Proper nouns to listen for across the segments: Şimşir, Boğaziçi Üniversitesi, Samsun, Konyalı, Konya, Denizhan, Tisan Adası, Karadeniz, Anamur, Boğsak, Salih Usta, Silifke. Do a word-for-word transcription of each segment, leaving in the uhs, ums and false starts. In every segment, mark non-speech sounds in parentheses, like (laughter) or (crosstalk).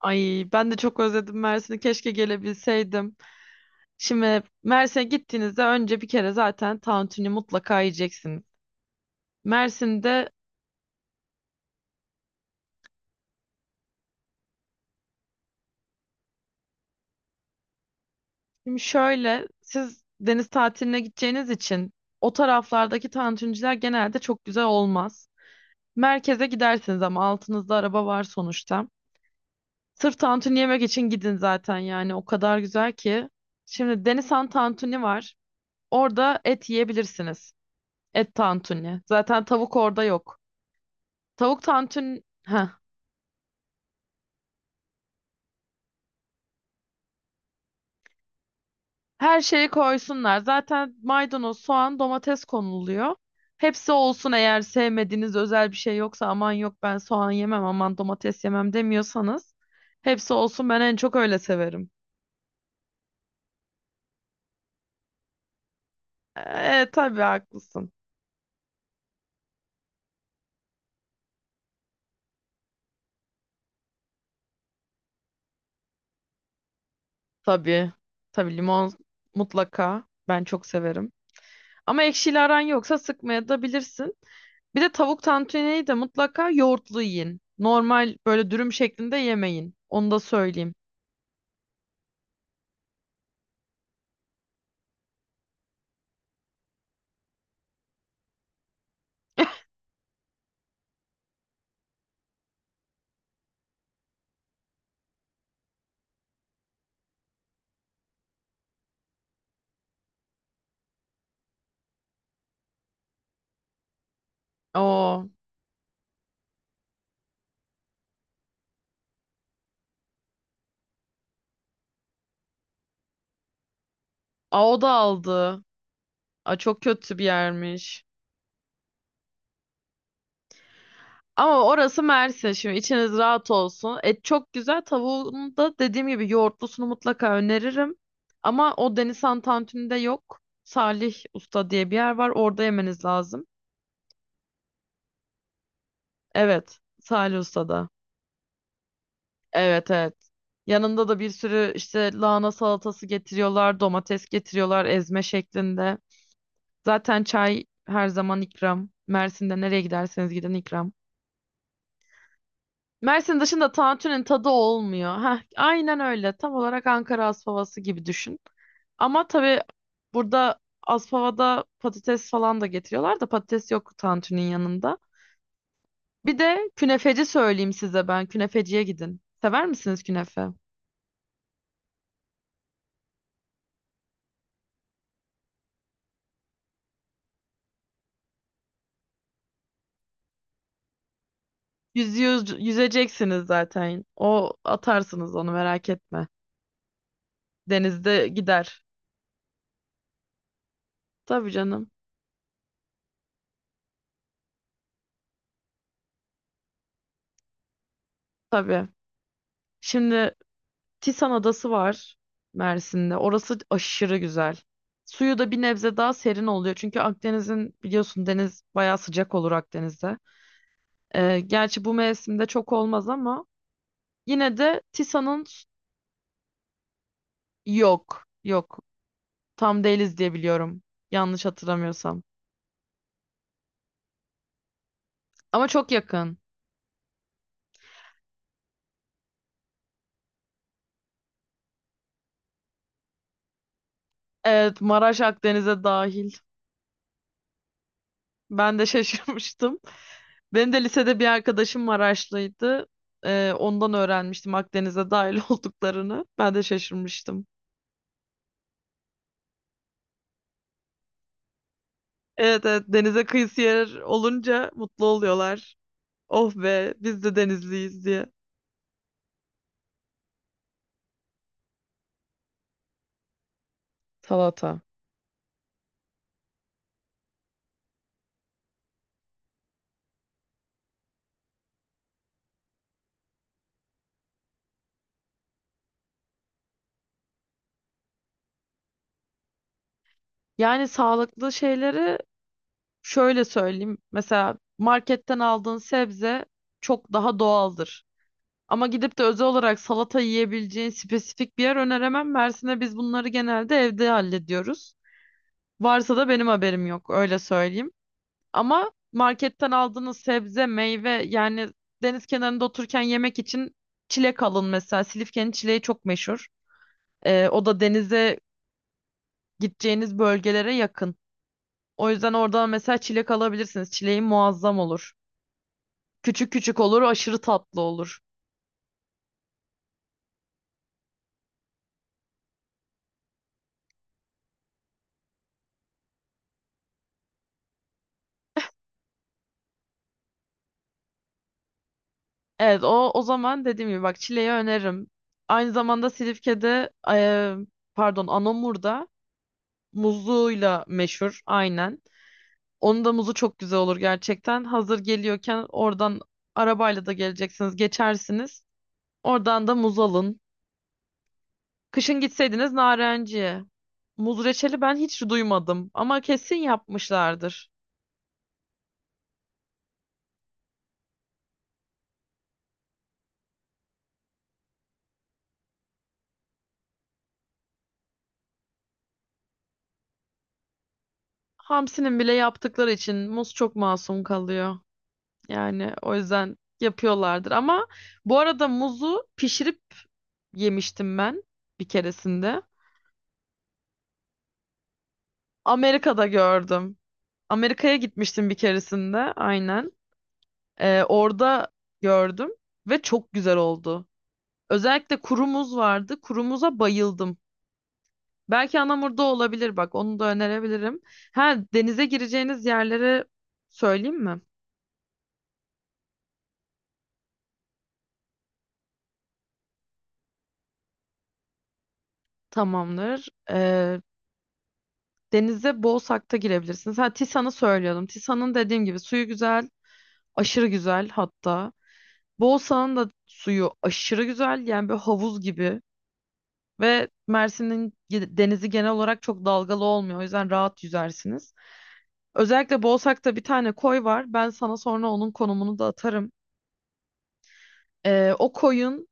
Ay ben de çok özledim Mersin'i. Keşke gelebilseydim. Şimdi Mersin'e gittiğinizde önce bir kere zaten tantuni mutlaka yiyeceksiniz. Mersin'de şimdi şöyle siz deniz tatiline gideceğiniz için o taraflardaki tantuniciler genelde çok güzel olmaz. Merkeze gidersiniz ama altınızda araba var sonuçta. Sırf tantuni yemek için gidin zaten yani o kadar güzel ki. Şimdi Denizhan tantuni var. Orada et yiyebilirsiniz. Et tantuni. Zaten tavuk orada yok. Tavuk tantuni. Heh, her şeyi koysunlar. Zaten maydanoz, soğan, domates konuluyor. Hepsi olsun, eğer sevmediğiniz özel bir şey yoksa, aman yok ben soğan yemem aman domates yemem demiyorsanız hepsi olsun, ben en çok öyle severim. E, tabii haklısın. Tabii. Tabii limon mutlaka, ben çok severim. Ama ekşili aran yoksa sıkmaya da bilirsin. Bir de tavuk tantuniyi de mutlaka yoğurtlu yiyin. Normal böyle dürüm şeklinde yemeyin. Onu da söyleyeyim. O. Aa, o da aldı. Aa, çok kötü bir yermiş. Ama orası Mersin. Şimdi içiniz rahat olsun. Et çok güzel. Tavuğunu da dediğim gibi yoğurtlusunu mutlaka öneririm. Ama o Deniz Tantuni'de yok. Salih Usta diye bir yer var. Orada yemeniz lazım. Evet. Salih Usta'da. Evet, evet. Yanında da bir sürü işte lahana salatası getiriyorlar. Domates getiriyorlar ezme şeklinde. Zaten çay her zaman ikram. Mersin'de nereye giderseniz gidin ikram. Mersin dışında tantuni'nin tadı olmuyor. Heh, aynen öyle. Tam olarak Ankara Aspavası gibi düşün. Ama tabii burada Aspava'da patates falan da getiriyorlar da patates yok tantuni'nin yanında. Bir de künefeci söyleyeyim size ben. Künefeciye gidin. Sever misiniz künefe? Yüzüyor, yüzeceksiniz zaten. O atarsınız, onu merak etme. Denizde gider. Tabii canım. Tabii. Şimdi Tisan Adası var Mersin'de. Orası aşırı güzel. Suyu da bir nebze daha serin oluyor. Çünkü Akdeniz'in biliyorsun, deniz bayağı sıcak olur Akdeniz'de. Ee, gerçi bu mevsimde çok olmaz ama yine de Tisan'ın s- yok. Yok. Tam değiliz diye biliyorum. Yanlış hatırlamıyorsam. Ama çok yakın. Evet, Maraş Akdeniz'e dahil. Ben de (laughs) şaşırmıştım. Benim de lisede bir arkadaşım Maraşlıydı. Ee, ondan öğrenmiştim Akdeniz'e dahil (laughs) olduklarını. Ben de şaşırmıştım. Evet, evet, denize kıyısı yer olunca mutlu oluyorlar. Oh be, biz de denizliyiz diye. Salata. Yani sağlıklı şeyleri şöyle söyleyeyim. Mesela marketten aldığın sebze çok daha doğaldır. Ama gidip de özel olarak salata yiyebileceğin spesifik bir yer öneremem. Mersin'e biz bunları genelde evde hallediyoruz. Varsa da benim haberim yok, öyle söyleyeyim. Ama marketten aldığınız sebze, meyve yani deniz kenarında otururken yemek için çilek alın mesela. Silifke'nin çileği çok meşhur. Ee, o da denize gideceğiniz bölgelere yakın. O yüzden oradan mesela çilek alabilirsiniz. Çileği muazzam olur. Küçük küçük olur, aşırı tatlı olur. Evet, o o zaman dediğim gibi, bak, çileği öneririm. Aynı zamanda Silifke'de e, pardon Anamur'da muzluğuyla meşhur, aynen. Onun da muzu çok güzel olur gerçekten. Hazır geliyorken oradan arabayla da geleceksiniz, geçersiniz. Oradan da muz alın. Kışın gitseydiniz narenciye. Muz reçeli ben hiç duymadım ama kesin yapmışlardır. Hamsi'nin bile yaptıkları için muz çok masum kalıyor. Yani o yüzden yapıyorlardır. Ama bu arada muzu pişirip yemiştim ben bir keresinde. Amerika'da gördüm. Amerika'ya gitmiştim bir keresinde, aynen. Ee, orada gördüm ve çok güzel oldu. Özellikle kurumuz vardı. Kurumuza bayıldım. Belki Anamur'da olabilir, bak, onu da önerebilirim. Ha, denize gireceğiniz yerleri söyleyeyim mi? Tamamdır. Ee, denize Boğsak'ta girebilirsiniz. Ha, Tisan'ı söylüyordum. Tisan'ın dediğim gibi suyu güzel, aşırı güzel hatta. Boğsak'ın da suyu aşırı güzel. Yani bir havuz gibi. Ve Mersin'in ge- denizi genel olarak çok dalgalı olmuyor. O yüzden rahat yüzersiniz. Özellikle Boğsak'ta bir tane koy var. Ben sana sonra onun konumunu da atarım. Ee, o koyun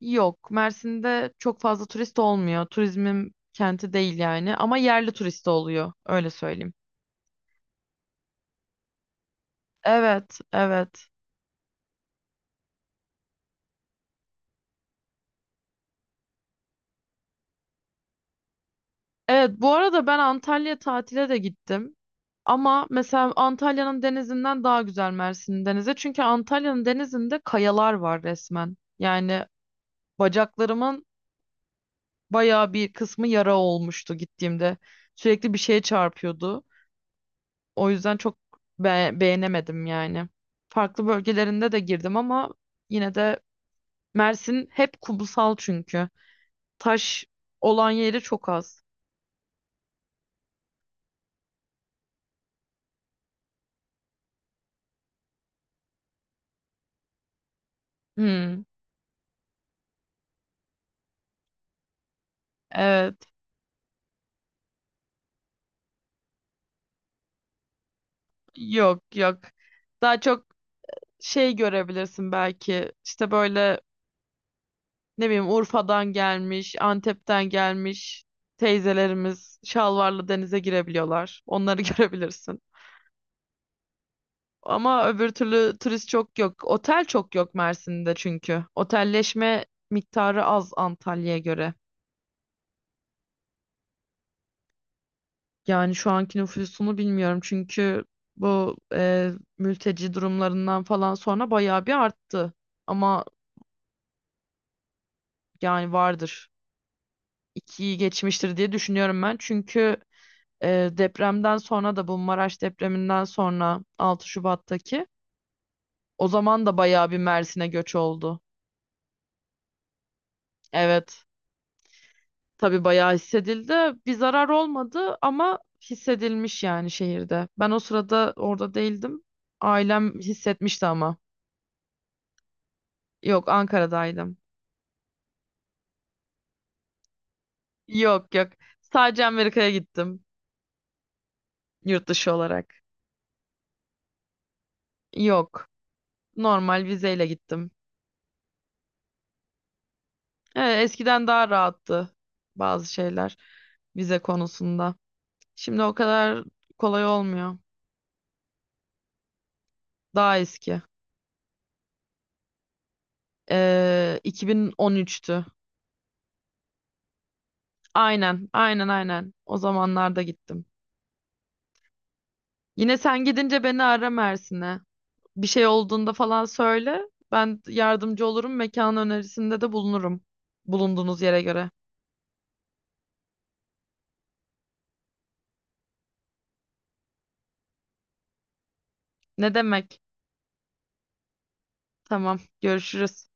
yok. Mersin'de çok fazla turist olmuyor. Turizmin kenti değil yani. Ama yerli turist oluyor. Öyle söyleyeyim. Evet, evet. Evet, bu arada ben Antalya tatile de gittim. Ama mesela Antalya'nın denizinden daha güzel Mersin'in denizi. Çünkü Antalya'nın denizinde kayalar var resmen. Yani bacaklarımın bayağı bir kısmı yara olmuştu gittiğimde. Sürekli bir şeye çarpıyordu. O yüzden çok be- beğenemedim yani. Farklı bölgelerinde de girdim ama yine de Mersin hep kumsal çünkü. Taş olan yeri çok az. Hmm, evet. Yok, yok. Daha çok şey görebilirsin belki. İşte böyle, ne bileyim, Urfa'dan gelmiş, Antep'ten gelmiş teyzelerimiz şalvarlı denize girebiliyorlar. Onları (laughs) görebilirsin. Ama öbür türlü turist çok yok. Otel çok yok Mersin'de çünkü. Otelleşme miktarı az Antalya'ya göre. Yani şu anki nüfusunu bilmiyorum çünkü bu e, mülteci durumlarından falan sonra bayağı bir arttı. Ama yani vardır. İkiyi geçmiştir diye düşünüyorum ben. Çünkü Ee, depremden sonra da, bu Maraş depreminden sonra, altı Şubat'taki, o zaman da bayağı bir Mersin'e göç oldu. Evet. Tabii bayağı hissedildi. Bir zarar olmadı ama hissedilmiş yani şehirde. Ben o sırada orada değildim. Ailem hissetmişti ama. Yok, Ankara'daydım. Yok, yok. Sadece Amerika'ya gittim yurt dışı olarak. Yok. Normal vizeyle gittim. Ee, eskiden daha rahattı bazı şeyler vize konusunda. Şimdi o kadar kolay olmuyor. Daha eski. Ee, iki bin on üçtü. Aynen, aynen, aynen. O zamanlarda gittim. Yine sen gidince beni ara Mersin'e. Bir şey olduğunda falan söyle. Ben yardımcı olurum. Mekan önerisinde de bulunurum. Bulunduğunuz yere göre. Ne demek? Tamam, görüşürüz.